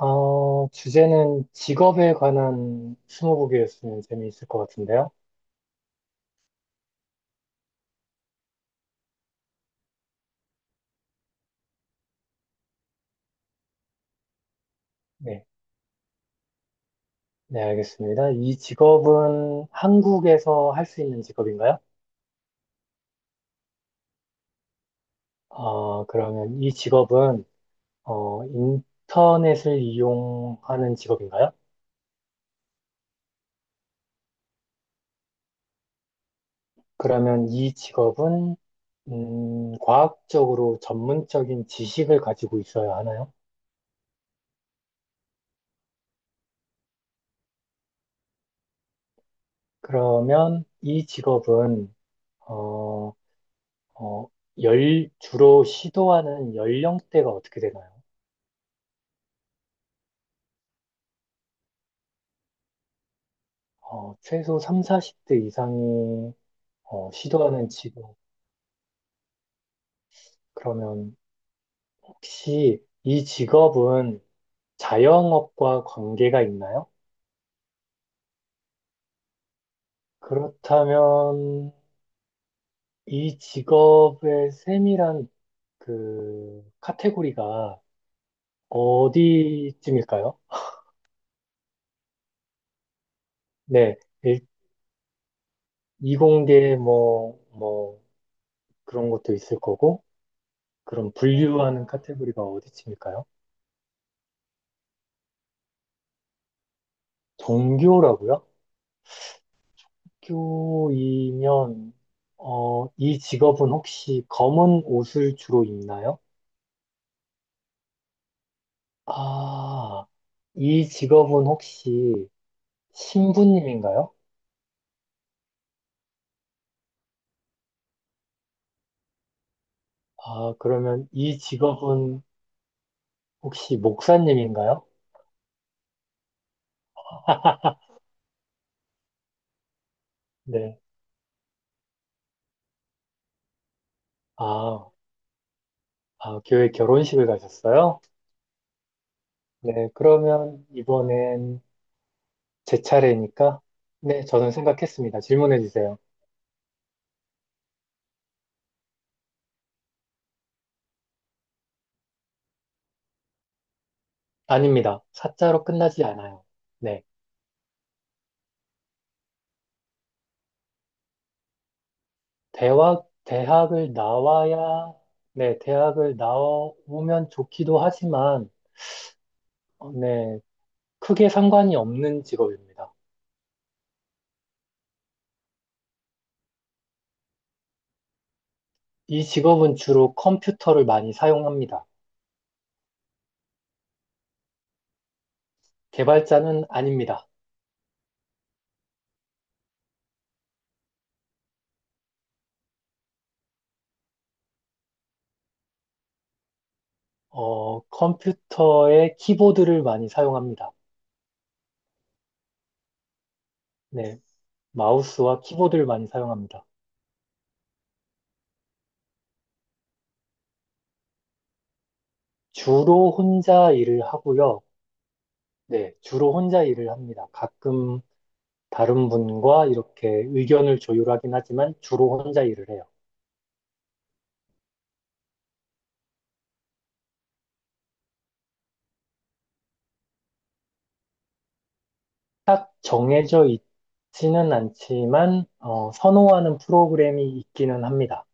주제는 직업에 관한 스무고개였으면 재미있을 것 같은데요. 네. 네, 알겠습니다. 이 직업은 한국에서 할 수 있는 직업인가요? 그러면 이 직업은, 인터넷을 이용하는 직업인가요? 그러면 이 직업은, 과학적으로 전문적인 지식을 가지고 있어야 하나요? 그러면 이 직업은, 어, 어, 주로 시도하는 연령대가 어떻게 되나요? 최소 3, 40대 이상이 시도하는 직업. 그러면 혹시 이 직업은 자영업과 관계가 있나요? 그렇다면 이 직업의 세밀한 그 카테고리가 어디쯤일까요? 네, 일- 이공계 뭐 그런 것도 있을 거고, 그럼 분류하는 카테고리가 어디쯤일까요? 동교라고요? 교이면, 이 직업은 혹시 검은 옷을 주로 입나요? 아, 이 직업은 혹시 신부님인가요? 아, 그러면 이 직업은 혹시 목사님인가요? 네. 아, 아, 교회 결혼식을 가셨어요? 네, 그러면 이번엔 제 차례니까, 네, 저는 생각했습니다. 질문해 주세요. 아닙니다. 사자로 끝나지 않아요. 네. 대학을 나와야, 네, 대학을 나오면 좋기도 하지만, 네, 크게 상관이 없는 직업입니다. 이 직업은 주로 컴퓨터를 많이 사용합니다. 개발자는 아닙니다. 컴퓨터의 키보드를 많이 사용합니다. 네, 마우스와 키보드를 많이 사용합니다. 주로 혼자 일을 하고요. 네, 주로 혼자 일을 합니다. 가끔 다른 분과 이렇게 의견을 조율하긴 하지만 주로 혼자 일을 해요. 딱 정해져 있지는 않지만 선호하는 프로그램이 있기는 합니다.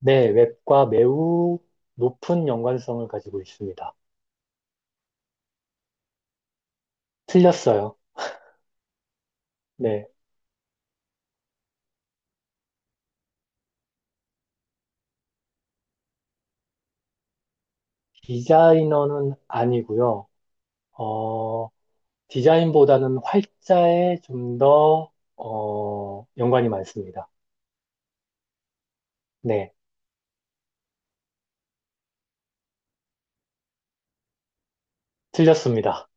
네, 웹과 매우 높은 연관성을 가지고 있습니다. 틀렸어요. 네, 디자이너는 아니고요. 어, 디자인보다는 활자에 좀 더, 연관이 많습니다. 네, 틀렸습니다.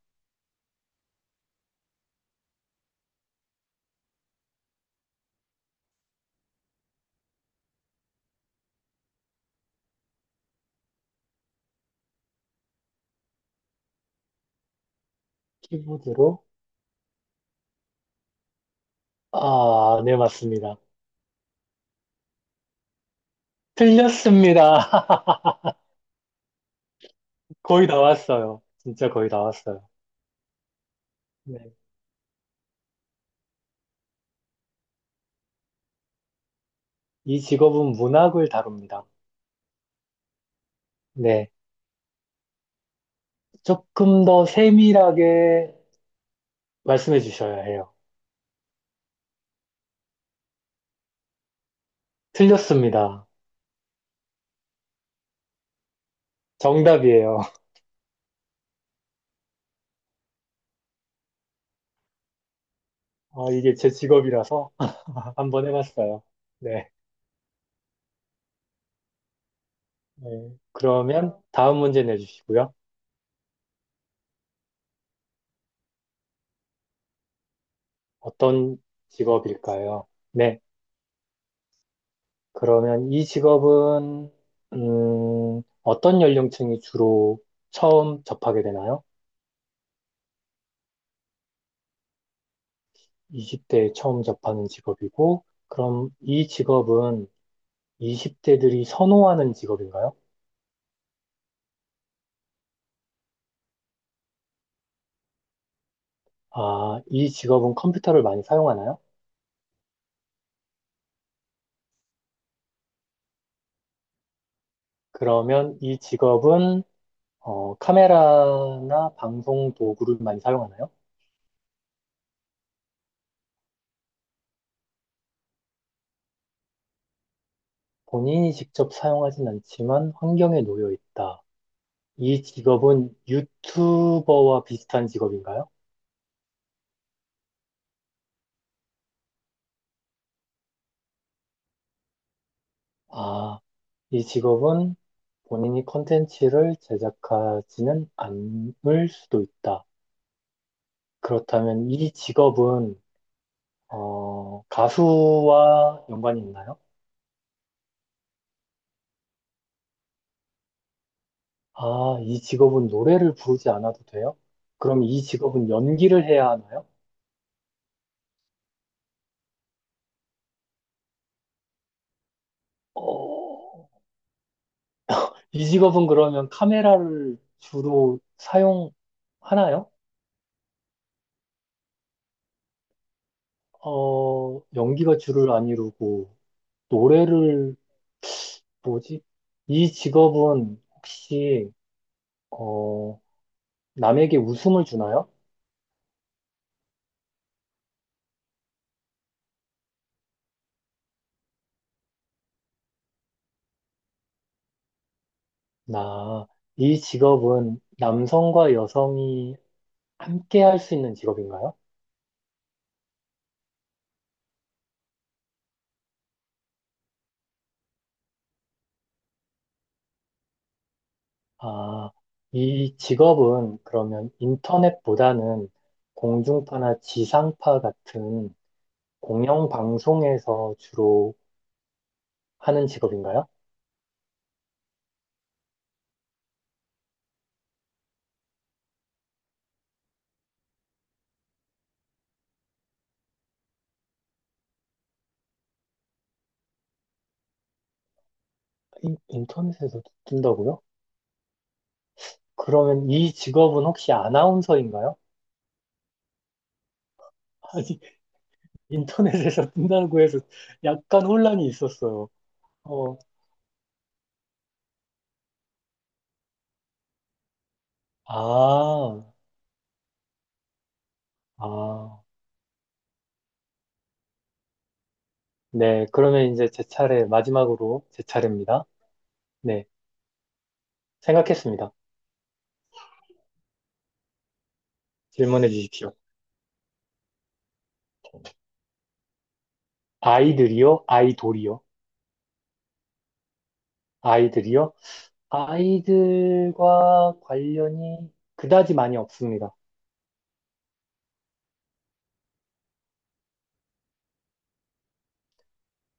키보드로? 아, 네, 맞습니다. 틀렸습니다. 거의 다 왔어요. 진짜 거의 다 왔어요. 네. 이 직업은 문학을 다룹니다. 네. 조금 더 세밀하게 말씀해 주셔야 해요. 틀렸습니다. 정답이에요. 이게 제 직업이라서 한번 해봤어요. 네. 네. 그러면 다음 문제 내주시고요. 어떤 직업일까요? 네. 그러면 이 직업은, 어떤 연령층이 주로 처음 접하게 되나요? 20대에 처음 접하는 직업이고, 그럼 이 직업은 20대들이 선호하는 직업인가요? 아, 이 직업은 컴퓨터를 많이 사용하나요? 그러면 이 직업은 카메라나 방송 도구를 많이 사용하나요? 본인이 직접 사용하진 않지만 환경에 놓여 있다. 이 직업은 유튜버와 비슷한 직업인가요? 아, 이 직업은 본인이 콘텐츠를 제작하지는 않을 수도 있다. 그렇다면 이 직업은 가수와 연관이 있나요? 아, 이 직업은 노래를 부르지 않아도 돼요? 그럼 이 직업은 연기를 해야 하나요? 어, 이 직업은 그러면 카메라를 주로 사용하나요? 어, 연기가 주를 안 이루고, 노래를, 뭐지? 이 직업은 혹시, 어, 남에게 웃음을 주나요? 나, 이 직업은 남성과 여성이 함께 할 수 있는 직업인가요? 아, 이 직업은 그러면 인터넷보다는 공중파나 지상파 같은 공영 방송에서 주로 하는 직업인가요? 인터넷에서도 뜬다고요? 그러면 이 직업은 혹시 아나운서인가요? 아니, 인터넷에서 뜬다고 해서 약간 혼란이 있었어요. 어, 아, 아, 네. 그러면 이제 마지막으로 제 차례입니다. 네. 생각했습니다. 질문해 주십시오. 아이들이요? 아이돌이요? 아이들이요? 아이들과 관련이 그다지 많이 없습니다.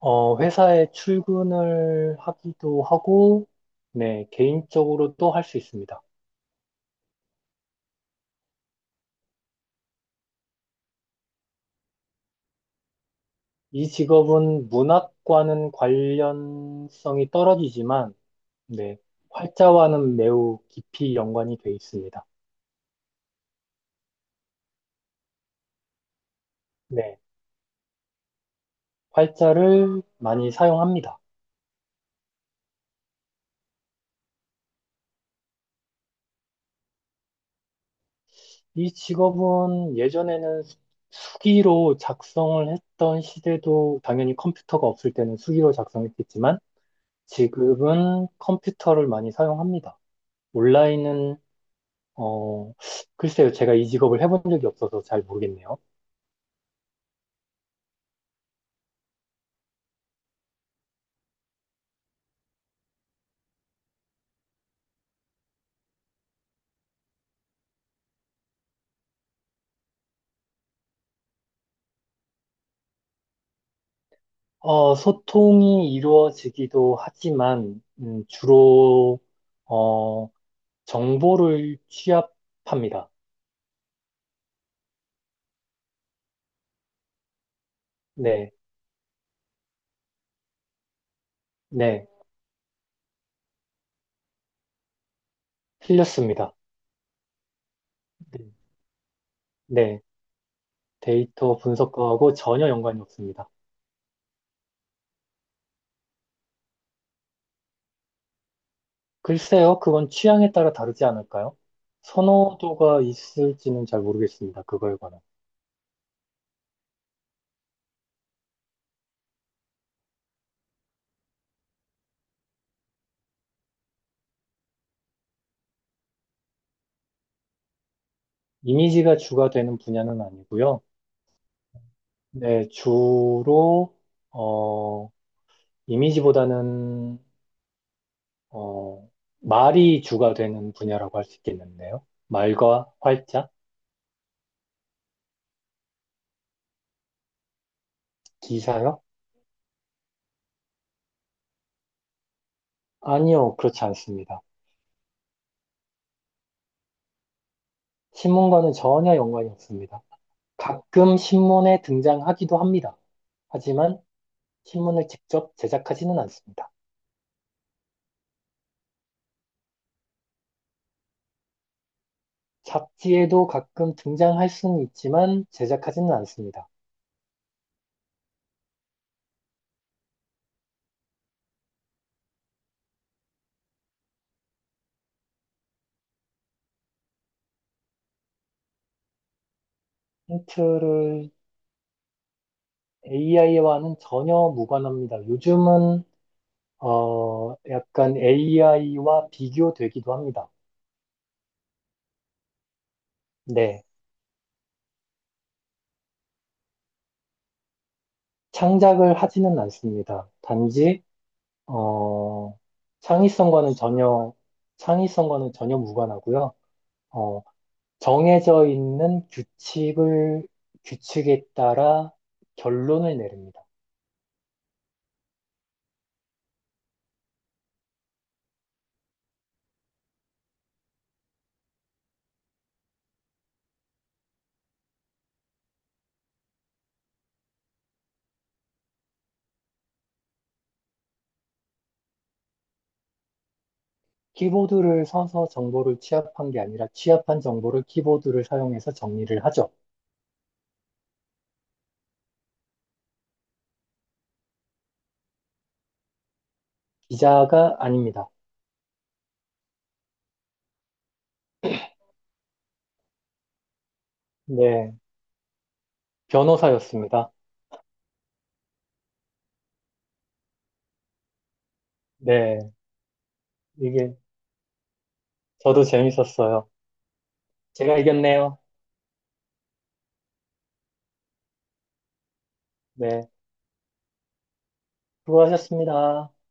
어, 회사에 출근을 하기도 하고, 네, 개인적으로도 할 수 있습니다. 이 직업은 문학과는 관련성이 떨어지지만, 네, 활자와는 매우 깊이 연관이 되어 있습니다. 네, 활자를 많이 사용합니다. 이 직업은 예전에는 수기로 작성을 했던 시대도, 당연히 컴퓨터가 없을 때는 수기로 작성했겠지만 지금은 컴퓨터를 많이 사용합니다. 온라인은 어 글쎄요, 제가 이 직업을 해본 적이 없어서 잘 모르겠네요. 소통이 이루어지기도 하지만 주로 어 정보를 취합합니다. 네, 네, 틀렸습니다. 네. 네. 데이터 분석과하고 전혀 연관이 없습니다. 글쎄요, 그건 취향에 따라 다르지 않을까요? 선호도가 있을지는 잘 모르겠습니다. 그거에 관한. 이미지가 주가 되는 분야는 아니고요. 네, 주로, 어, 이미지보다는, 어, 말이 주가 되는 분야라고 할 수 있겠는데요. 말과 활자? 기사요? 아니요, 그렇지 않습니다. 신문과는 전혀 연관이 없습니다. 가끔 신문에 등장하기도 합니다. 하지만 신문을 직접 제작하지는 않습니다. 잡지에도 가끔 등장할 수는 있지만 제작하지는 않습니다. 힌트를 AI와는 전혀 무관합니다. 요즘은 약간 AI와 비교되기도 합니다. 네, 창작을 하지는 않습니다. 단지 어, 창의성과는 전혀 창의성과는 전혀 무관하고요. 어, 정해져 있는 규칙을 규칙에 따라 결론을 내립니다. 키보드를 서서 정보를 취합한 게 아니라 취합한 정보를 키보드를 사용해서 정리를 하죠. 기자가 아닙니다. 네, 변호사였습니다. 네, 이게 저도 재밌었어요. 제가 이겼네요. 네, 수고하셨습니다.